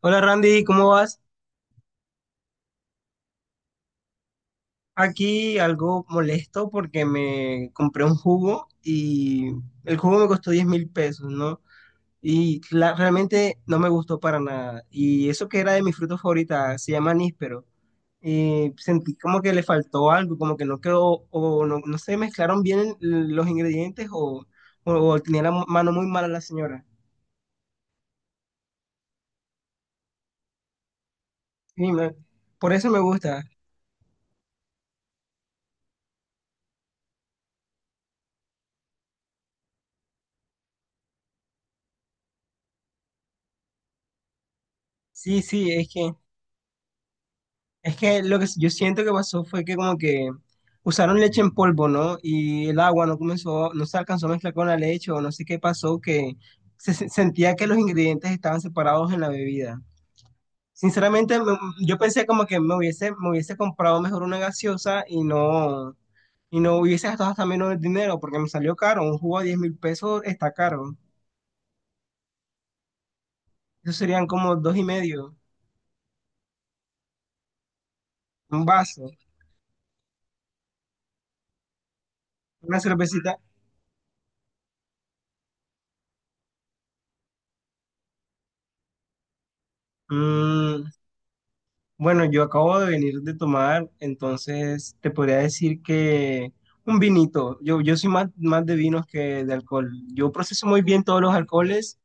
Hola Randy, ¿cómo vas? Aquí algo molesto porque me compré un jugo y el jugo me costó 10.000 pesos, ¿no? Realmente no me gustó para nada. Y eso que era de mi fruta favorita, se llama níspero. Y sentí como que le faltó algo, como que no quedó, o no, no se mezclaron bien los ingredientes o tenía la mano muy mala la señora. Y me- por eso me gusta. Sí, sí, es que... Es que lo que yo siento que pasó fue que como que usaron leche en polvo, ¿no? Y el agua no comenzó, no se alcanzó a mezclar con la leche o no sé qué pasó, que sentía que los ingredientes estaban separados en la bebida. Sinceramente, me- yo pensé como que me hubiese comprado mejor una gaseosa y no hubiese gastado hasta menos dinero porque me salió caro. Un jugo a 10.000 pesos está caro. Eso serían como dos y medio, un vaso, una cervecita. Mm, bueno, yo acabo de venir de tomar, entonces te podría decir que un vinito. Yo soy más de vinos que de alcohol. Yo proceso muy bien todos los alcoholes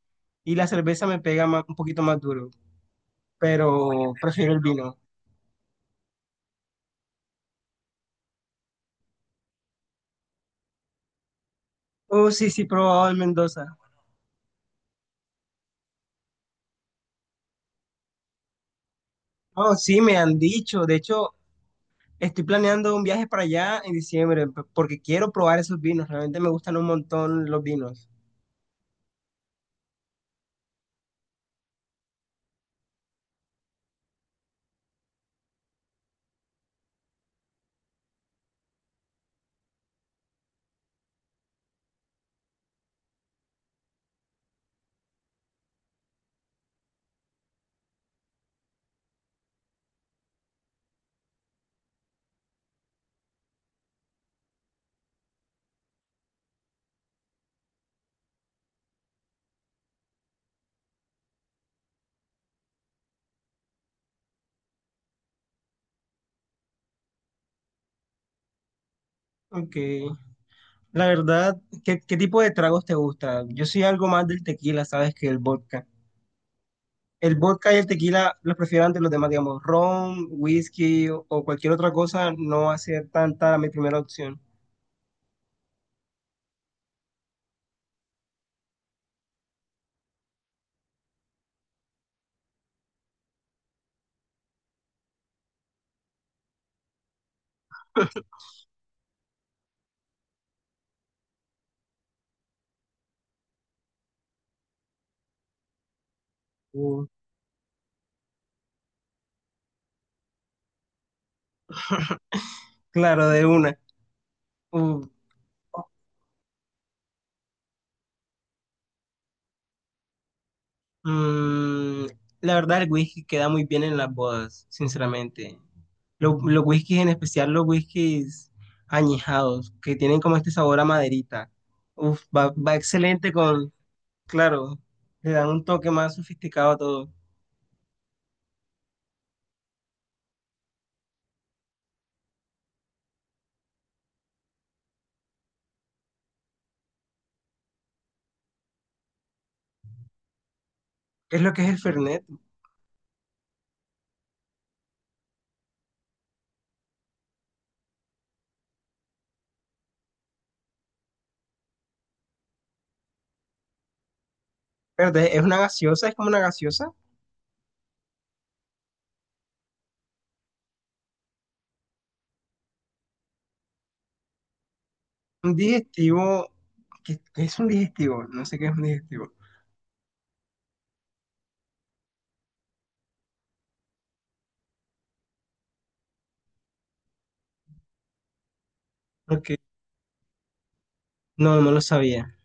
y la cerveza un poquito más duro, pero prefiero el vino. Oh, sí, sí, he probado el Mendoza. Oh, sí, me han dicho. De hecho, estoy planeando un viaje para allá en porque quiero probar esos vinos. Realmente me gustan un montón los vinos. Ok. La verdad, ¿qué, qué tipo de tragos te gusta? Yo soy algo más del tequila, ¿sabes? Que el vodka. El vodka y el tequila los prefiero ante los demás, digamos, ron, whisky o cualquier otra cosa, no va a ser tanta mi primera opción. Uh, claro, de una. Uh, mm, la verdad, el whisky queda muy bien en las bodas, sinceramente. Los whiskies, en especial los whiskies añejados, que tienen como este sabor a maderita. Uf, va, va excelente con. Claro, le dan un toque más sofisticado a todo. Es lo que es el Fernet. Espérate, es una gaseosa, es como una gaseosa. Un digestivo. ¿Qué, qué es un digestivo? No sé qué es un digestivo. Porque no, no lo sabía.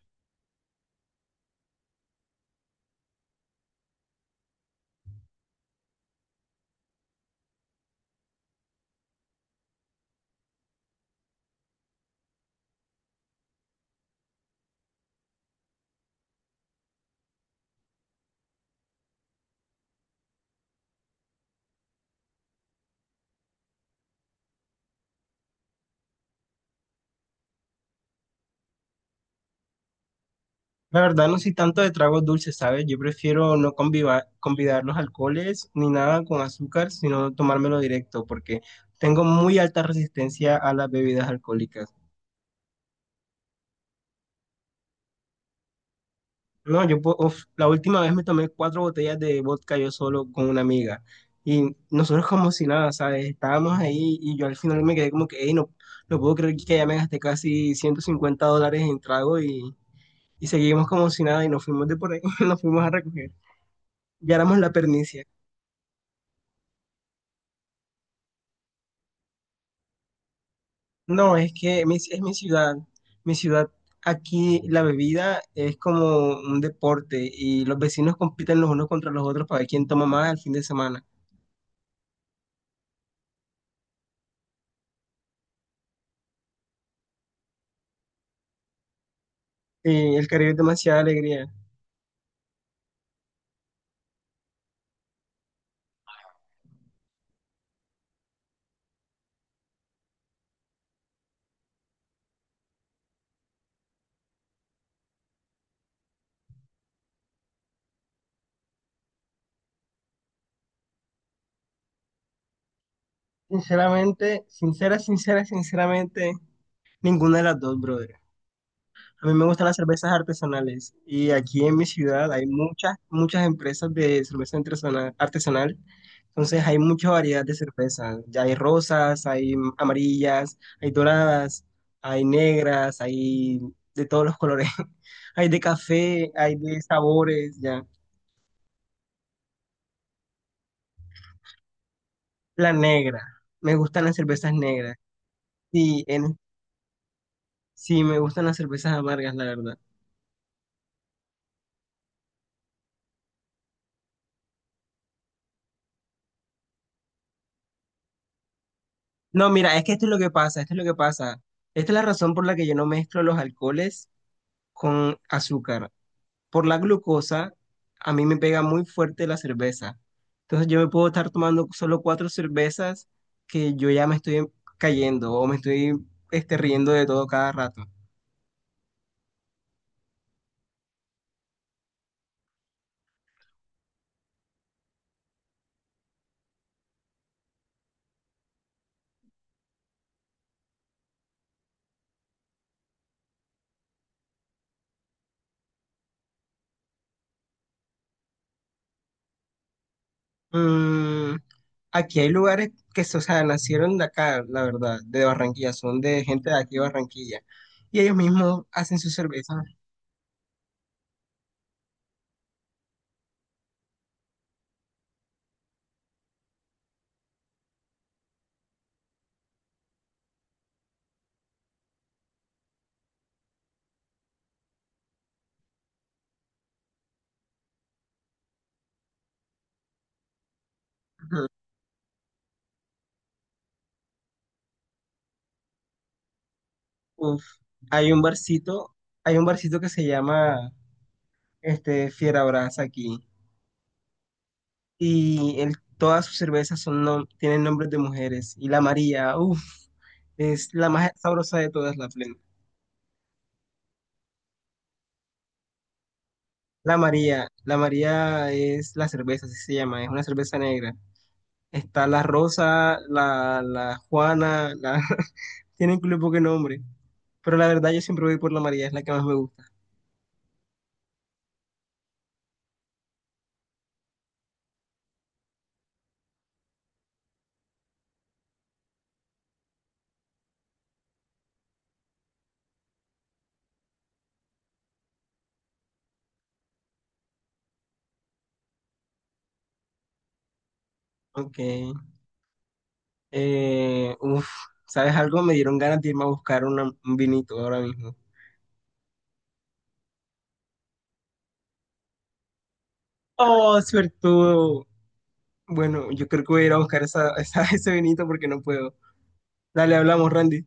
La verdad, no soy tanto de tragos dulces, ¿sabes? Yo prefiero no convidar los alcoholes ni nada con azúcar, sino tomármelo directo, porque tengo muy alta resistencia a las bebidas alcohólicas. No, uf, la última vez me tomé cuatro botellas de vodka yo solo con una amiga. Y nosotros como si nada, ¿sabes? Estábamos ahí y yo al final me quedé como que, "Ey, no, no puedo creer que ya me gasté casi 150 dólares en trago y seguimos como si nada y nos fuimos de por ahí, nos fuimos a recoger. Ya éramos la pernicia. No, es que mi ciudad. Mi ciudad, aquí la bebida es como un deporte y los vecinos compiten los unos contra los otros para ver quién toma más el fin de semana. Y el Caribe es demasiada alegría. Sinceramente, ninguna de las dos, brother. A mí me gustan las cervezas artesanales y aquí en mi ciudad hay muchas, muchas empresas de artesanal. Entonces hay mucha variedad de cervezas. Ya hay rosas, hay amarillas, hay doradas, hay negras, hay de todos los colores. Hay de café, hay de sabores, ya. La negra. Me gustan las cervezas negras. Sí, en, sí, me gustan las cervezas amargas, la verdad. No, mira, es que esto es lo que pasa, esto es lo que pasa. Esta es la razón por la que yo no mezclo los alcoholes con azúcar. Por la glucosa, a mí me pega muy fuerte la cerveza. Entonces yo me puedo estar tomando solo cuatro cervezas que yo ya me estoy cayendo o me estoy riendo de todo cada rato. Mm, Aquí hay lugares que, o sea, nacieron de acá, la verdad, de Barranquilla, son de gente de aquí de Barranquilla. Y ellos mismos hacen sus cervezas. Uf, hay un barcito, hay un barcito que se llama este Fiera Brasa aquí y todas sus cervezas son tienen nombres de mujeres y la María, uf, es la más sabrosa de todas, la plena. La María es la cerveza, así se llama, es una cerveza negra. Está la Rosa, la, la Juana, la tienen un poco de nombre, pero la verdad yo siempre voy por la María, es la que más me gusta. Ok. Uf, ¿sabes algo? Me dieron ganas de irme a buscar un vinito ahora mismo. Oh, suertudo. Bueno, yo creo que voy a ir a buscar ese vinito porque no puedo. Dale, hablamos, Randy.